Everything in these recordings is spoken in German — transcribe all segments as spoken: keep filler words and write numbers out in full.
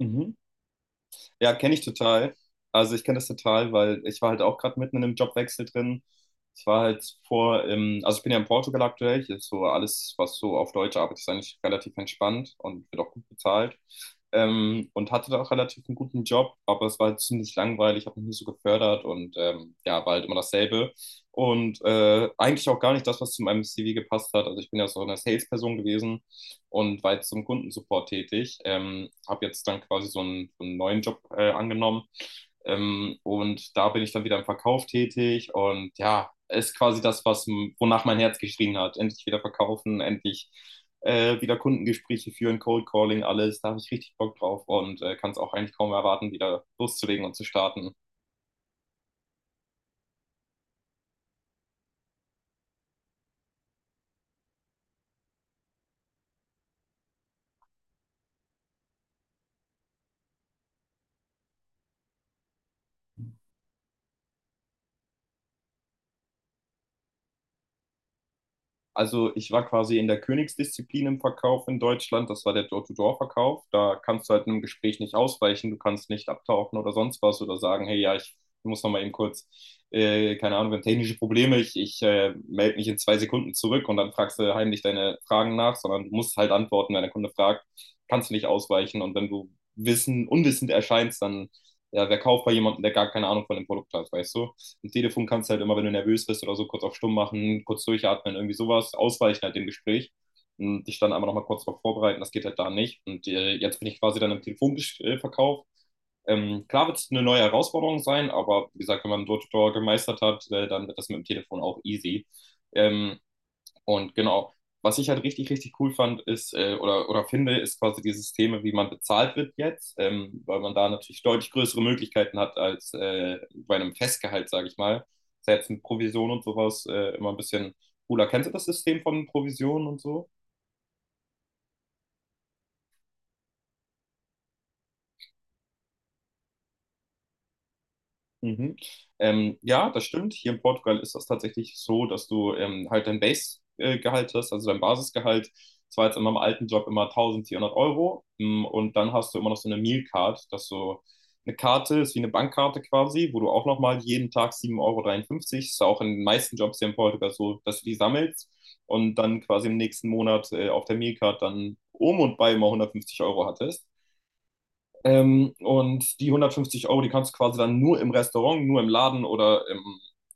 Mhm. Ja, kenne ich total. Also ich kenne das total, weil ich war halt auch gerade mitten in einem Jobwechsel drin. Ich war halt vor, im, also ich bin ja in Portugal aktuell. Hier ist so alles, was so auf Deutsch arbeitet, ist eigentlich relativ entspannt und wird auch gut bezahlt. Ähm, und hatte da auch relativ einen guten Job, aber es war halt ziemlich langweilig, habe mich nicht so gefördert und ähm, ja, war halt immer dasselbe. Und äh, eigentlich auch gar nicht das, was zu meinem C V gepasst hat. Also ich bin ja so eine Salesperson gewesen und war jetzt zum Kundensupport tätig. Ähm, habe jetzt dann quasi so einen, so einen neuen Job äh, angenommen. Ähm, und da bin ich dann wieder im Verkauf tätig und ja, ist quasi das, was, wonach mein Herz geschrien hat. Endlich wieder verkaufen, endlich äh, wieder Kundengespräche führen, Cold Calling, alles. Da habe ich richtig Bock drauf und äh, kann es auch eigentlich kaum erwarten, wieder loszulegen und zu starten. Also ich war quasi in der Königsdisziplin im Verkauf in Deutschland. Das war der Door-to-Door-Verkauf. Da kannst du halt einem Gespräch nicht ausweichen. Du kannst nicht abtauchen oder sonst was oder sagen, hey, ja, ich muss noch mal eben kurz, äh, keine Ahnung, wir haben technische Probleme. Ich, ich äh, melde mich in zwei Sekunden zurück und dann fragst du heimlich deine Fragen nach, sondern du musst halt antworten, wenn der Kunde fragt, kannst du nicht ausweichen. Und wenn du wissen, unwissend erscheinst, dann, ja, wer kauft bei jemandem, der gar keine Ahnung von dem Produkt hat, weißt du? Am Telefon kannst du halt immer, wenn du nervös bist oder so, kurz auf stumm machen, kurz durchatmen, irgendwie sowas, ausweichen halt dem Gespräch und dich dann aber nochmal kurz darauf vorbereiten, das geht halt da nicht. Und äh, jetzt bin ich quasi dann im Telefonverkauf. Ähm, klar wird es eine neue Herausforderung sein, aber wie gesagt, wenn man dort gemeistert hat, äh, dann wird das mit dem Telefon auch easy. Ähm, und genau, was ich halt richtig, richtig cool fand, ist äh, oder, oder finde, ist quasi die Systeme, wie man bezahlt wird jetzt, ähm, weil man da natürlich deutlich größere Möglichkeiten hat als äh, bei einem Festgehalt, sage ich mal. Selbst mit Provision und sowas äh, immer ein bisschen cooler. Kennst du das System von Provisionen und so? Mhm. Ähm, ja, das stimmt. Hier in Portugal ist das tatsächlich so, dass du ähm, halt dein Base-Gehalt hast, also dein Basisgehalt. Das war jetzt in meinem alten Job immer eintausendvierhundert Euro. Mm. Und dann hast du immer noch so eine Meal Card, dass so eine Karte ist wie eine Bankkarte quasi, wo du auch nochmal jeden Tag sieben Euro dreiundfünfzig ist auch in den meisten Jobs hier in Portugal so, dass du die sammelst und dann quasi im nächsten Monat äh, auf der Meal Card dann um und bei immer hundertfünfzig Euro hattest. Ähm, und die hundertfünfzig Euro, die kannst du quasi dann nur im Restaurant, nur im Laden oder im,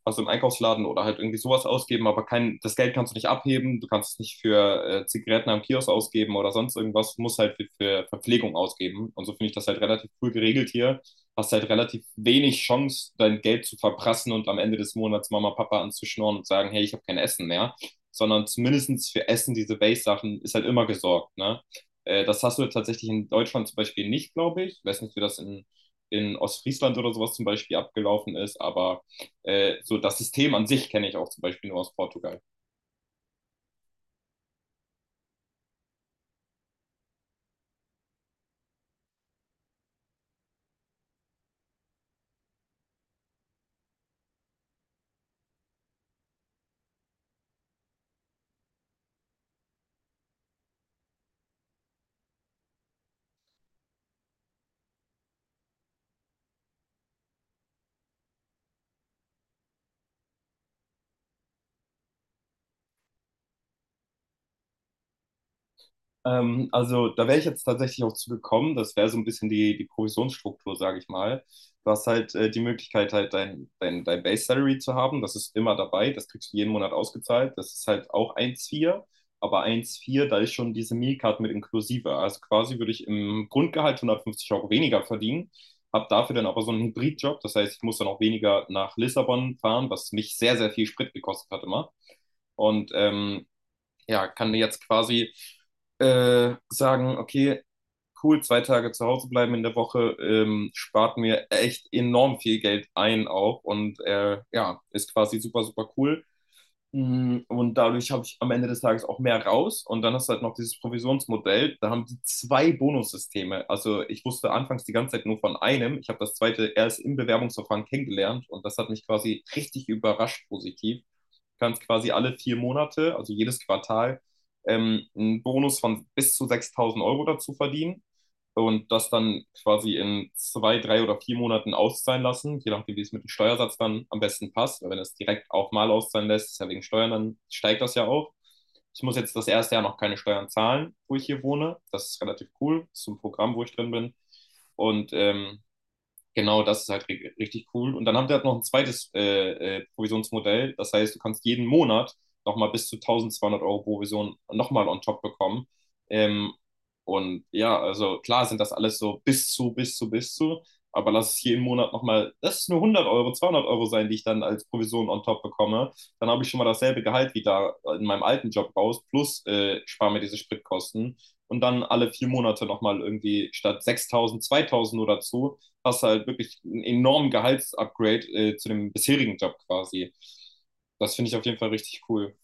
also im Einkaufsladen oder halt irgendwie sowas ausgeben, aber kein, das Geld kannst du nicht abheben, du kannst es nicht für äh, Zigaretten am Kiosk ausgeben oder sonst irgendwas, du musst halt für, für Verpflegung ausgeben. Und so finde ich das halt relativ cool geregelt hier. Hast halt relativ wenig Chance, dein Geld zu verprassen und am Ende des Monats Mama, Papa anzuschnorren und sagen, hey, ich habe kein Essen mehr. Sondern zumindest für Essen, diese Base-Sachen, ist halt immer gesorgt, ne? Äh, das hast du tatsächlich in Deutschland zum Beispiel nicht, glaube ich. Ich weiß nicht, wie das in, in Ostfriesland oder sowas zum Beispiel abgelaufen ist, aber äh, so das System an sich kenne ich auch zum Beispiel nur aus Portugal. Ähm, also da wäre ich jetzt tatsächlich auch zugekommen. Das wäre so ein bisschen die, die Provisionsstruktur, sage ich mal. Du hast halt äh, die Möglichkeit, halt dein, dein, dein Base Salary zu haben. Das ist immer dabei. Das kriegst du jeden Monat ausgezahlt. Das ist halt auch eins Komma vier. Aber eins Komma vier da ist schon diese Meal Card mit inklusive. Also quasi würde ich im Grundgehalt hundertfünfzig Euro weniger verdienen. Hab dafür dann aber so einen Hybridjob. Das heißt, ich muss dann auch weniger nach Lissabon fahren, was mich sehr, sehr viel Sprit gekostet hat immer. Und ähm, ja, kann jetzt quasi äh, sagen, okay, cool, zwei Tage zu Hause bleiben in der Woche, ähm, spart mir echt enorm viel Geld ein auch und äh, ja, ist quasi super, super cool. Mm. Und dadurch habe ich am Ende des Tages auch mehr raus. Und dann hast du halt noch dieses Provisionsmodell. Da haben die zwei Bonussysteme. Also ich wusste anfangs die ganze Zeit nur von einem. Ich habe das zweite erst im Bewerbungsverfahren kennengelernt. Und das hat mich quasi richtig überrascht positiv. Du kannst quasi alle vier Monate, also jedes Quartal, ähm, einen Bonus von bis zu sechstausend Euro dazu verdienen und das dann quasi in zwei, drei oder vier Monaten auszahlen lassen, je nachdem, wie es mit dem Steuersatz dann am besten passt. Weil wenn es direkt auch mal auszahlen lässt, ist ja wegen Steuern, dann steigt das ja auch. Ich muss jetzt das erste Jahr noch keine Steuern zahlen, wo ich hier wohne. Das ist relativ cool. Das ist ein Programm, wo ich drin bin. Und ähm, Genau, das ist halt ri- richtig cool. Und dann haben die halt noch ein zweites äh, äh, Provisionsmodell. Das heißt, du kannst jeden Monat nochmal bis zu eintausendzweihundert Euro Provision nochmal on top bekommen. Ähm, und ja, also klar sind das alles so bis zu, bis zu, bis zu. Aber lass es jeden Monat nochmal, das ist nur hundert Euro, zweihundert Euro sein, die ich dann als Provision on top bekomme. Dann habe ich schon mal dasselbe Gehalt wie da in meinem alten Job raus, plus äh, spare mir diese Spritkosten. Und dann alle vier Monate nochmal irgendwie statt sechstausend zweitausend oder so hast du halt wirklich einen enormen Gehaltsupgrade äh, zu dem bisherigen Job quasi. Das finde ich auf jeden Fall richtig cool.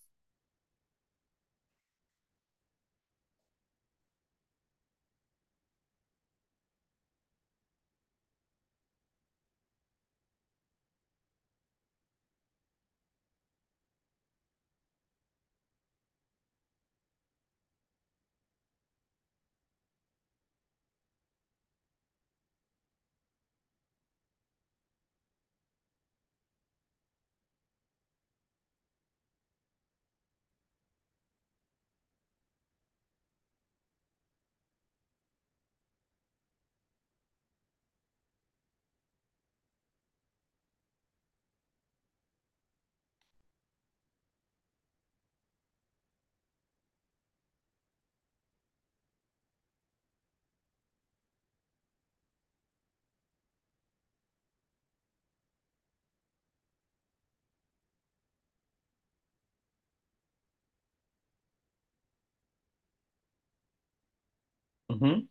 Mhm.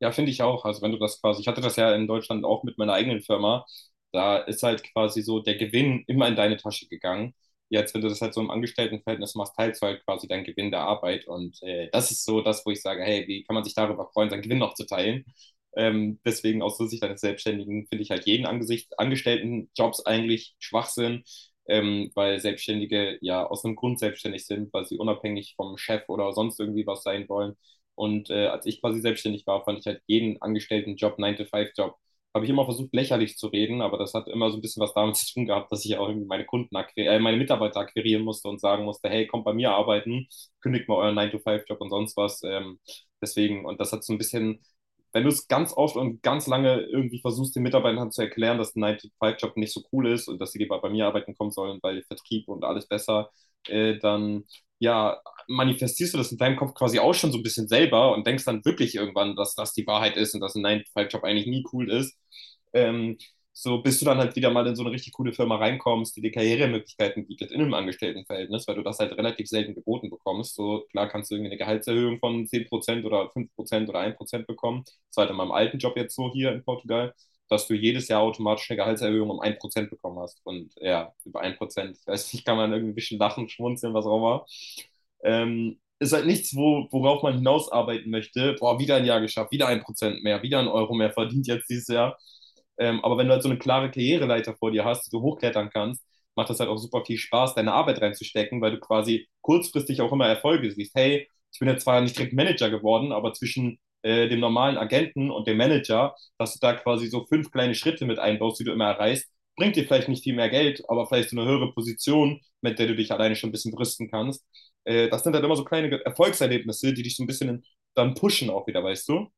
Ja, finde ich auch. Also wenn du das quasi, ich hatte das ja in Deutschland auch mit meiner eigenen Firma, da ist halt quasi so der Gewinn immer in deine Tasche gegangen. Jetzt, wenn du das halt so im Angestelltenverhältnis machst, teilst du halt quasi deinen Gewinn der Arbeit. Und äh, das ist so das, wo ich sage, hey, wie kann man sich darüber freuen, seinen Gewinn noch zu teilen? Ähm, deswegen aus der Sicht eines Selbstständigen finde ich halt jeden Angesicht, Angestelltenjobs eigentlich Schwachsinn, ähm, weil Selbstständige ja aus einem Grund selbstständig sind, weil sie unabhängig vom Chef oder sonst irgendwie was sein wollen. Und äh, als ich quasi selbstständig war, fand ich halt jeden angestellten Job, nine to Five job habe ich immer versucht, lächerlich zu reden, aber das hat immer so ein bisschen was damit zu tun gehabt, dass ich auch irgendwie meine Kunden akquir- äh, meine Mitarbeiter akquirieren musste und sagen musste, hey, kommt bei mir arbeiten, kündigt mal euren nine to Five job und sonst was. Ähm, deswegen, und das hat so ein bisschen, wenn du es ganz oft und ganz lange irgendwie versuchst, den Mitarbeitern zu erklären, dass ein nine to Five job nicht so cool ist und dass sie lieber bei mir arbeiten kommen sollen, weil Vertrieb und alles besser, äh, dann ja, manifestierst du das in deinem Kopf quasi auch schon so ein bisschen selber und denkst dann wirklich irgendwann, dass das die Wahrheit ist und dass ein nine-to five job eigentlich nie cool ist. Ähm, so bis du dann halt wieder mal in so eine richtig coole Firma reinkommst, die dir Karrieremöglichkeiten bietet in einem Angestelltenverhältnis, weil du das halt relativ selten geboten bekommst. So klar kannst du irgendwie eine Gehaltserhöhung von zehn Prozent oder fünf Prozent oder ein Prozent bekommen. Das war halt in meinem alten Job jetzt so hier in Portugal, dass du jedes Jahr automatisch eine Gehaltserhöhung um ein Prozent bekommen hast. Und ja, über ein Prozent, ich weiß nicht, kann man irgendwie ein bisschen lachen, schmunzeln, was auch immer. Ähm, ist halt nichts, wo, worauf man hinausarbeiten möchte. Boah, wieder ein Jahr geschafft, wieder ein Prozent mehr, wieder ein Euro mehr verdient jetzt dieses Jahr. Ähm, aber wenn du halt so eine klare Karriereleiter vor dir hast, die du hochklettern kannst, macht das halt auch super viel Spaß, deine Arbeit reinzustecken, weil du quasi kurzfristig auch immer Erfolge siehst. Hey, ich bin jetzt zwar nicht direkt Manager geworden, aber zwischen äh, dem normalen Agenten und dem Manager, dass du da quasi so fünf kleine Schritte mit einbaust, die du immer erreichst, bringt dir vielleicht nicht viel mehr Geld, aber vielleicht so eine höhere Position, mit der du dich alleine schon ein bisschen brüsten kannst. Äh, das sind dann immer so kleine Erfolgserlebnisse, die dich so ein bisschen dann pushen auch wieder, weißt du?